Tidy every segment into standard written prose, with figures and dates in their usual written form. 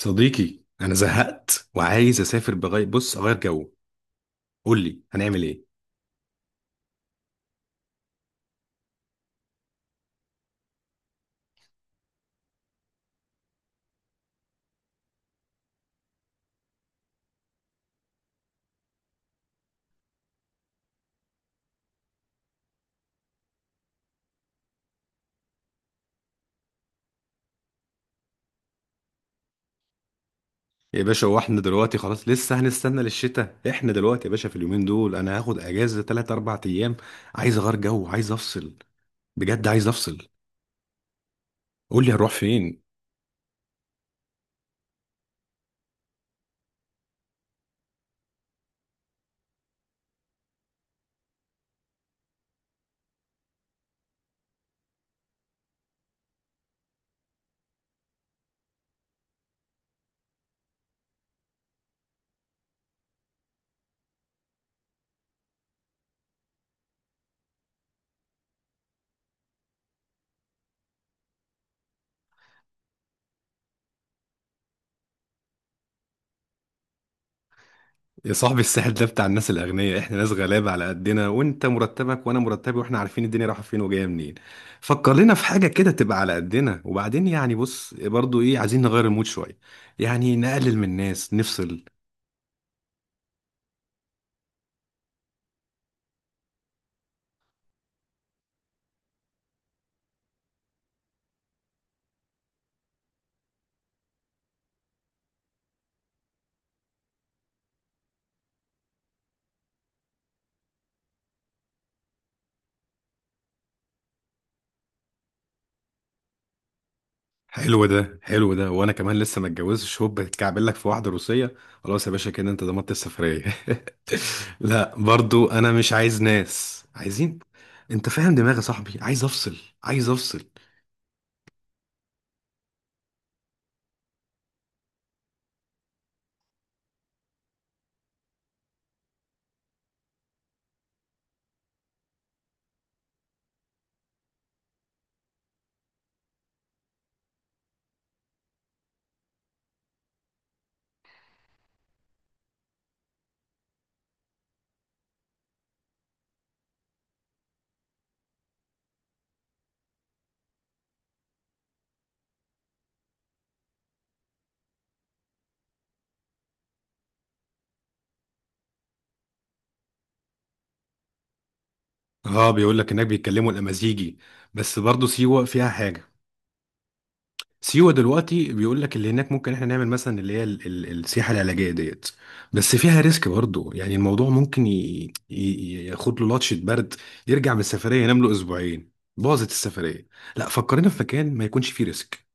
صديقي انا زهقت وعايز اسافر بغير بص اغير جو. قول لي هنعمل ايه؟ يا باشا هو احنا دلوقتي خلاص لسه هنستنى للشتاء؟ احنا دلوقتي يا باشا في اليومين دول انا هاخد اجازه 3 4 ايام. عايز اغير جو، عايز افصل. بجد عايز افصل. قول لي هروح فين. يا صاحبي الساحل ده بتاع الناس الاغنياء، احنا ناس غلابه على قدنا، وانت مرتبك وانا مرتبي واحنا عارفين الدنيا رايحه فين وجايه منين. فكر لنا في حاجه كده تبقى على قدنا، وبعدين بص برضو ايه، عايزين نغير المود شويه. يعني نقلل من الناس، نفصل. حلو ده، حلو ده، وانا كمان لسه ما اتجوزتش، هوب بتكعبل لك في واحده روسيه. خلاص يا باشا كده انت ضمنت السفريه. لا برضو انا مش عايز ناس، عايزين. انت فاهم دماغي يا صاحبي، عايز افصل. عايز افصل. اه، بيقول لك انك بيتكلموا الامازيغي. بس برضو سيوه فيها حاجه. سيوة دلوقتي بيقول لك اللي هناك ممكن احنا نعمل مثلا اللي هي السياحة العلاجية ديت. بس فيها ريسك برضه، الموضوع ممكن ياخد له لطشة برد. يرجع من السفرية ينام له اسبوعين، باظت السفرية. لا، فكرنا في مكان ما يكونش فيه ريسك.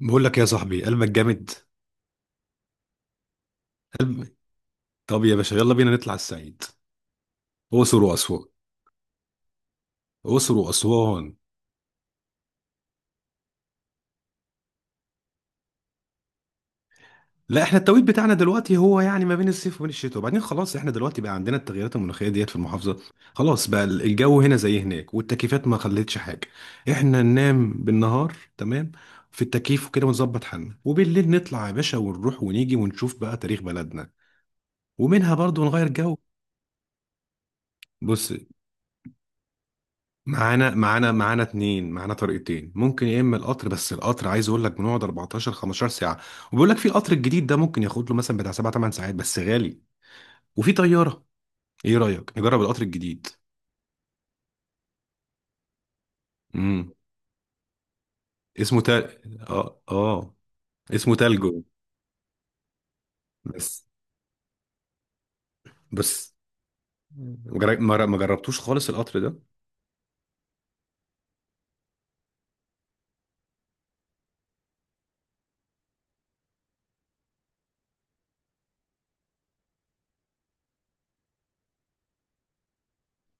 بقول لك يا صاحبي قلبك جامد. قلب. طب يا باشا يلا بينا نطلع الصعيد. اقصر واسوان. اقصر واسوان. لا، احنا التوقيت بتاعنا دلوقتي هو ما بين الصيف وبين الشتاء، وبعدين خلاص احنا دلوقتي بقى عندنا التغيرات المناخيه ديت في المحافظه. خلاص بقى الجو هنا زي هناك والتكييفات ما خلتش حاجه. احنا ننام بالنهار تمام في التكييف وكده، ونظبط حالنا، وبالليل نطلع يا باشا ونروح ونيجي ونشوف بقى تاريخ بلدنا. ومنها برضو نغير جو. بص، معانا اتنين، معانا طريقتين ممكن، يا اما القطر، بس القطر عايز اقول لك بنقعد 14 15 ساعه، وبيقول لك في القطر الجديد ده ممكن ياخد له مثلا بتاع 7 8 ساعات بس غالي، وفي طياره. ايه رأيك نجرب القطر الجديد؟ امم اسمه تل. اه، اه. اسمه تلجو. بس بس مجر- ما جر- ما جربتوش خالص القطر ده.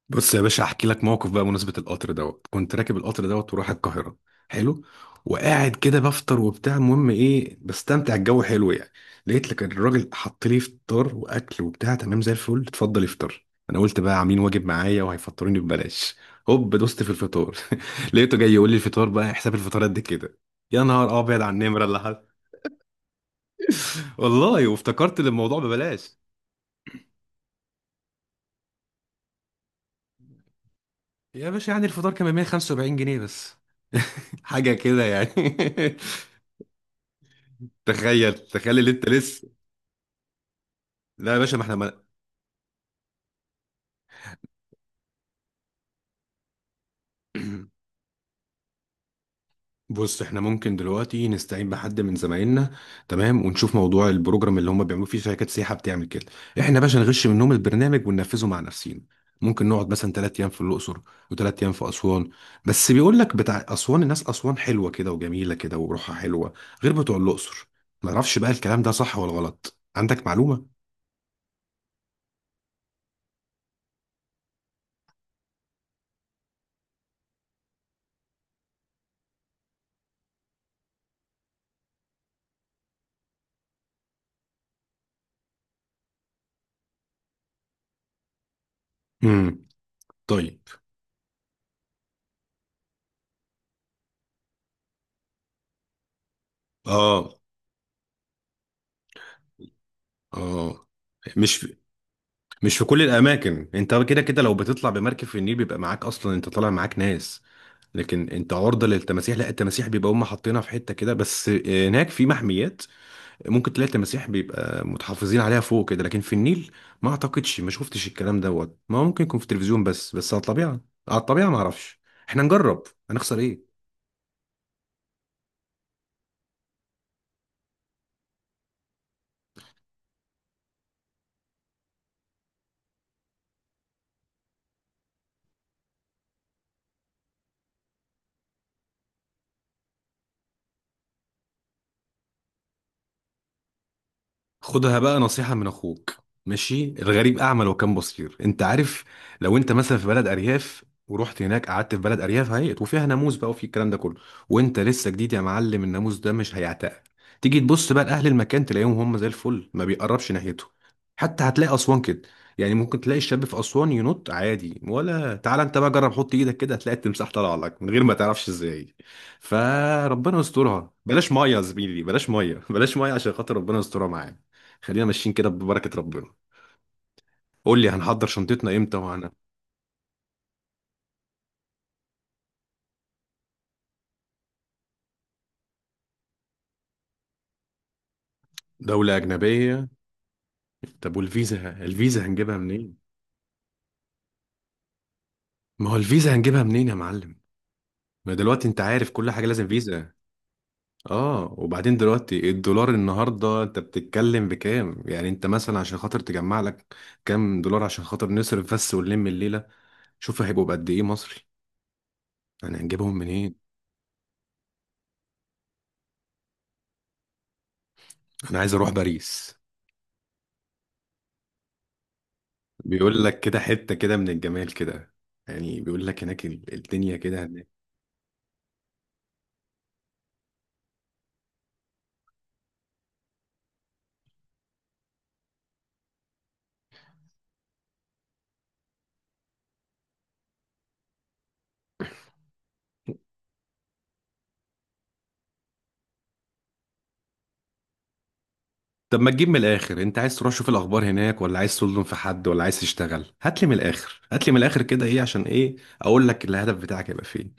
بص يا باشا احكي لك موقف بقى بمناسبة القطر دوت. كنت راكب القطر دوت ورايح القاهرة. حلو. وقاعد كده بفطر وبتاع، المهم ايه، بستمتع، الجو حلو يعني. لقيت لك الراجل حط لي فطار واكل وبتاع تمام زي الفل، اتفضل افطر. انا قلت بقى عاملين واجب معايا وهيفطروني ببلاش. هوب دوست في الفطار. لقيته جاي يقول لي الفطار بقى، حساب الفطار قد كده. يا نهار ابيض على النمرة اللي حصل. والله وافتكرت إن الموضوع ببلاش. يا باشا، يعني الفطار كان ب 175 جنيه بس. حاجة كده يعني. تخيل، تخيل اللي انت لسه. لا يا باشا، ما احنا ما... بص، احنا ممكن دلوقتي نستعين بحد من زمايلنا، تمام، ونشوف موضوع البروجرام اللي هم بيعملوه، فيه شركات سياحة بتعمل كده. احنا يا باشا نغش منهم البرنامج وننفذه مع نفسينا. ممكن نقعد مثلا 3 ايام في الاقصر، وثلاث ايام في اسوان. بس بيقول لك بتاع اسوان، الناس اسوان حلوة كده وجميلة كده وروحها حلوة، غير بتوع الاقصر. ما اعرفش بقى الكلام ده صح ولا غلط، عندك معلومة؟ امم طيب. اه، اه. مش في مش في كل الاماكن. انت كده كده لو بتطلع بمركب في النيل بيبقى معاك اصلا، انت طالع معاك ناس. لكن انت عرضة للتماسيح؟ لا، التماسيح بيبقى هم حاطينها في حتة كده بس هناك، في محميات. ممكن تلاقي التماسيح بيبقى متحفظين عليها فوق كده، لكن في النيل ما اعتقدش. ما شفتش الكلام دوت. ما هو ممكن يكون في التلفزيون، بس على الطبيعة. على الطبيعة ما اعرفش. احنا نجرب، هنخسر ايه؟ خدها بقى نصيحة من أخوك. ماشي، الغريب أعمى لو كان بصير، أنت عارف؟ لو أنت مثلا في بلد أرياف، ورحت هناك قعدت في بلد أرياف هيئت وفيها ناموس بقى وفي الكلام ده كله، وأنت لسه جديد يا معلم، الناموس ده مش هيعتقل. تيجي تبص بقى لأهل المكان تلاقيهم هم زي الفل، ما بيقربش ناحيته. حتى هتلاقي أسوان كده. يعني ممكن تلاقي الشاب في أسوان ينط عادي، ولا تعالى أنت بقى جرب حط إيدك كده، هتلاقي التمساح طالع لك من غير ما تعرفش إزاي. فربنا يسترها، بلاش مية يا زميلي، بلاش مية، بلاش مية عشان خاطر ربنا يسترها معاك. خلينا ماشيين كده ببركة ربنا. قول لي هنحضر شنطتنا امتى وهنا. دولة أجنبية؟ طب والفيزا، الفيزا هنجيبها منين؟ ما هو الفيزا هنجيبها منين يا معلم؟ ما دلوقتي انت عارف كل حاجة لازم فيزا. اه، وبعدين دلوقتي الدولار النهاردة انت بتتكلم بكام؟ يعني انت مثلا عشان خاطر تجمع لك كام دولار عشان خاطر نصرف بس ونلم الليلة، شوف هيبقوا بقد ايه مصري، انا هنجيبهم منين؟ انا عايز اروح باريس. بيقول لك كده حتة كده من الجمال كده. بيقول لك هناك الدنيا كده. طب ما تجيب من الاخر، انت عايز تروح شوف الاخبار هناك، ولا عايز تظلم في حد، ولا عايز تشتغل؟ هات لي من الاخر، هات لي من الاخر كده، ايه عشان ايه؟ اقول لك الهدف بتاعك هيبقى فين.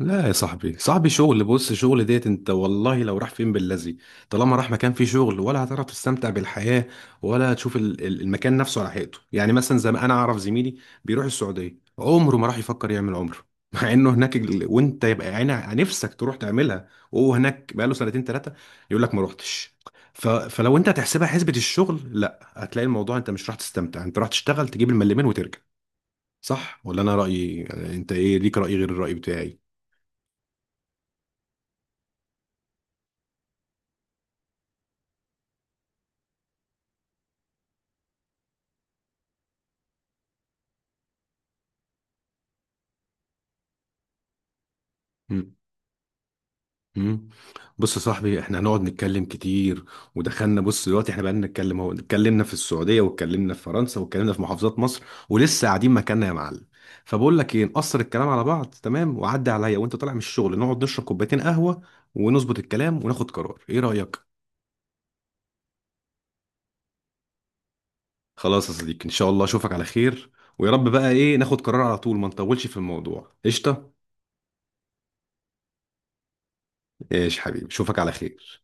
لا يا صاحبي، شغل، بص شغل ديت انت والله لو راح فين باللذي، طالما راح مكان فيه شغل ولا هتعرف تستمتع بالحياة، ولا تشوف المكان نفسه على حقيقته. يعني مثلا زي ما انا اعرف زميلي بيروح السعودية عمره ما راح يفكر يعمل عمره مع انه هناك وانت يبقى عينك نفسك تروح تعملها، وهو هناك بقاله سنتين ثلاثة، يقول لك ما روحتش. فلو انت هتحسبها حسبة الشغل، لا هتلاقي الموضوع انت مش راح تستمتع، انت راح تشتغل تجيب الملمين وترجع. صح ولا انا رأيي؟ انت ايه ليك رأي غير الرأي بتاعي؟ مم. بص يا صاحبي، احنا هنقعد نتكلم كتير، ودخلنا، بص دلوقتي احنا بقالنا نتكلم اهو، اتكلمنا في السعوديه واتكلمنا في فرنسا واتكلمنا في محافظات مصر، ولسه قاعدين مكاننا يا معلم. فبقول لك ايه، نقصر الكلام على بعض، تمام، وعدي عليا وانت طالع من الشغل نقعد نشرب كوبايتين قهوه ونظبط الكلام وناخد قرار. ايه رايك؟ خلاص يا صديقي، ان شاء الله اشوفك على خير. ويا رب بقى ايه ناخد قرار على طول ما نطولش في الموضوع. قشطه. ايش حبيبي، اشوفك على خير.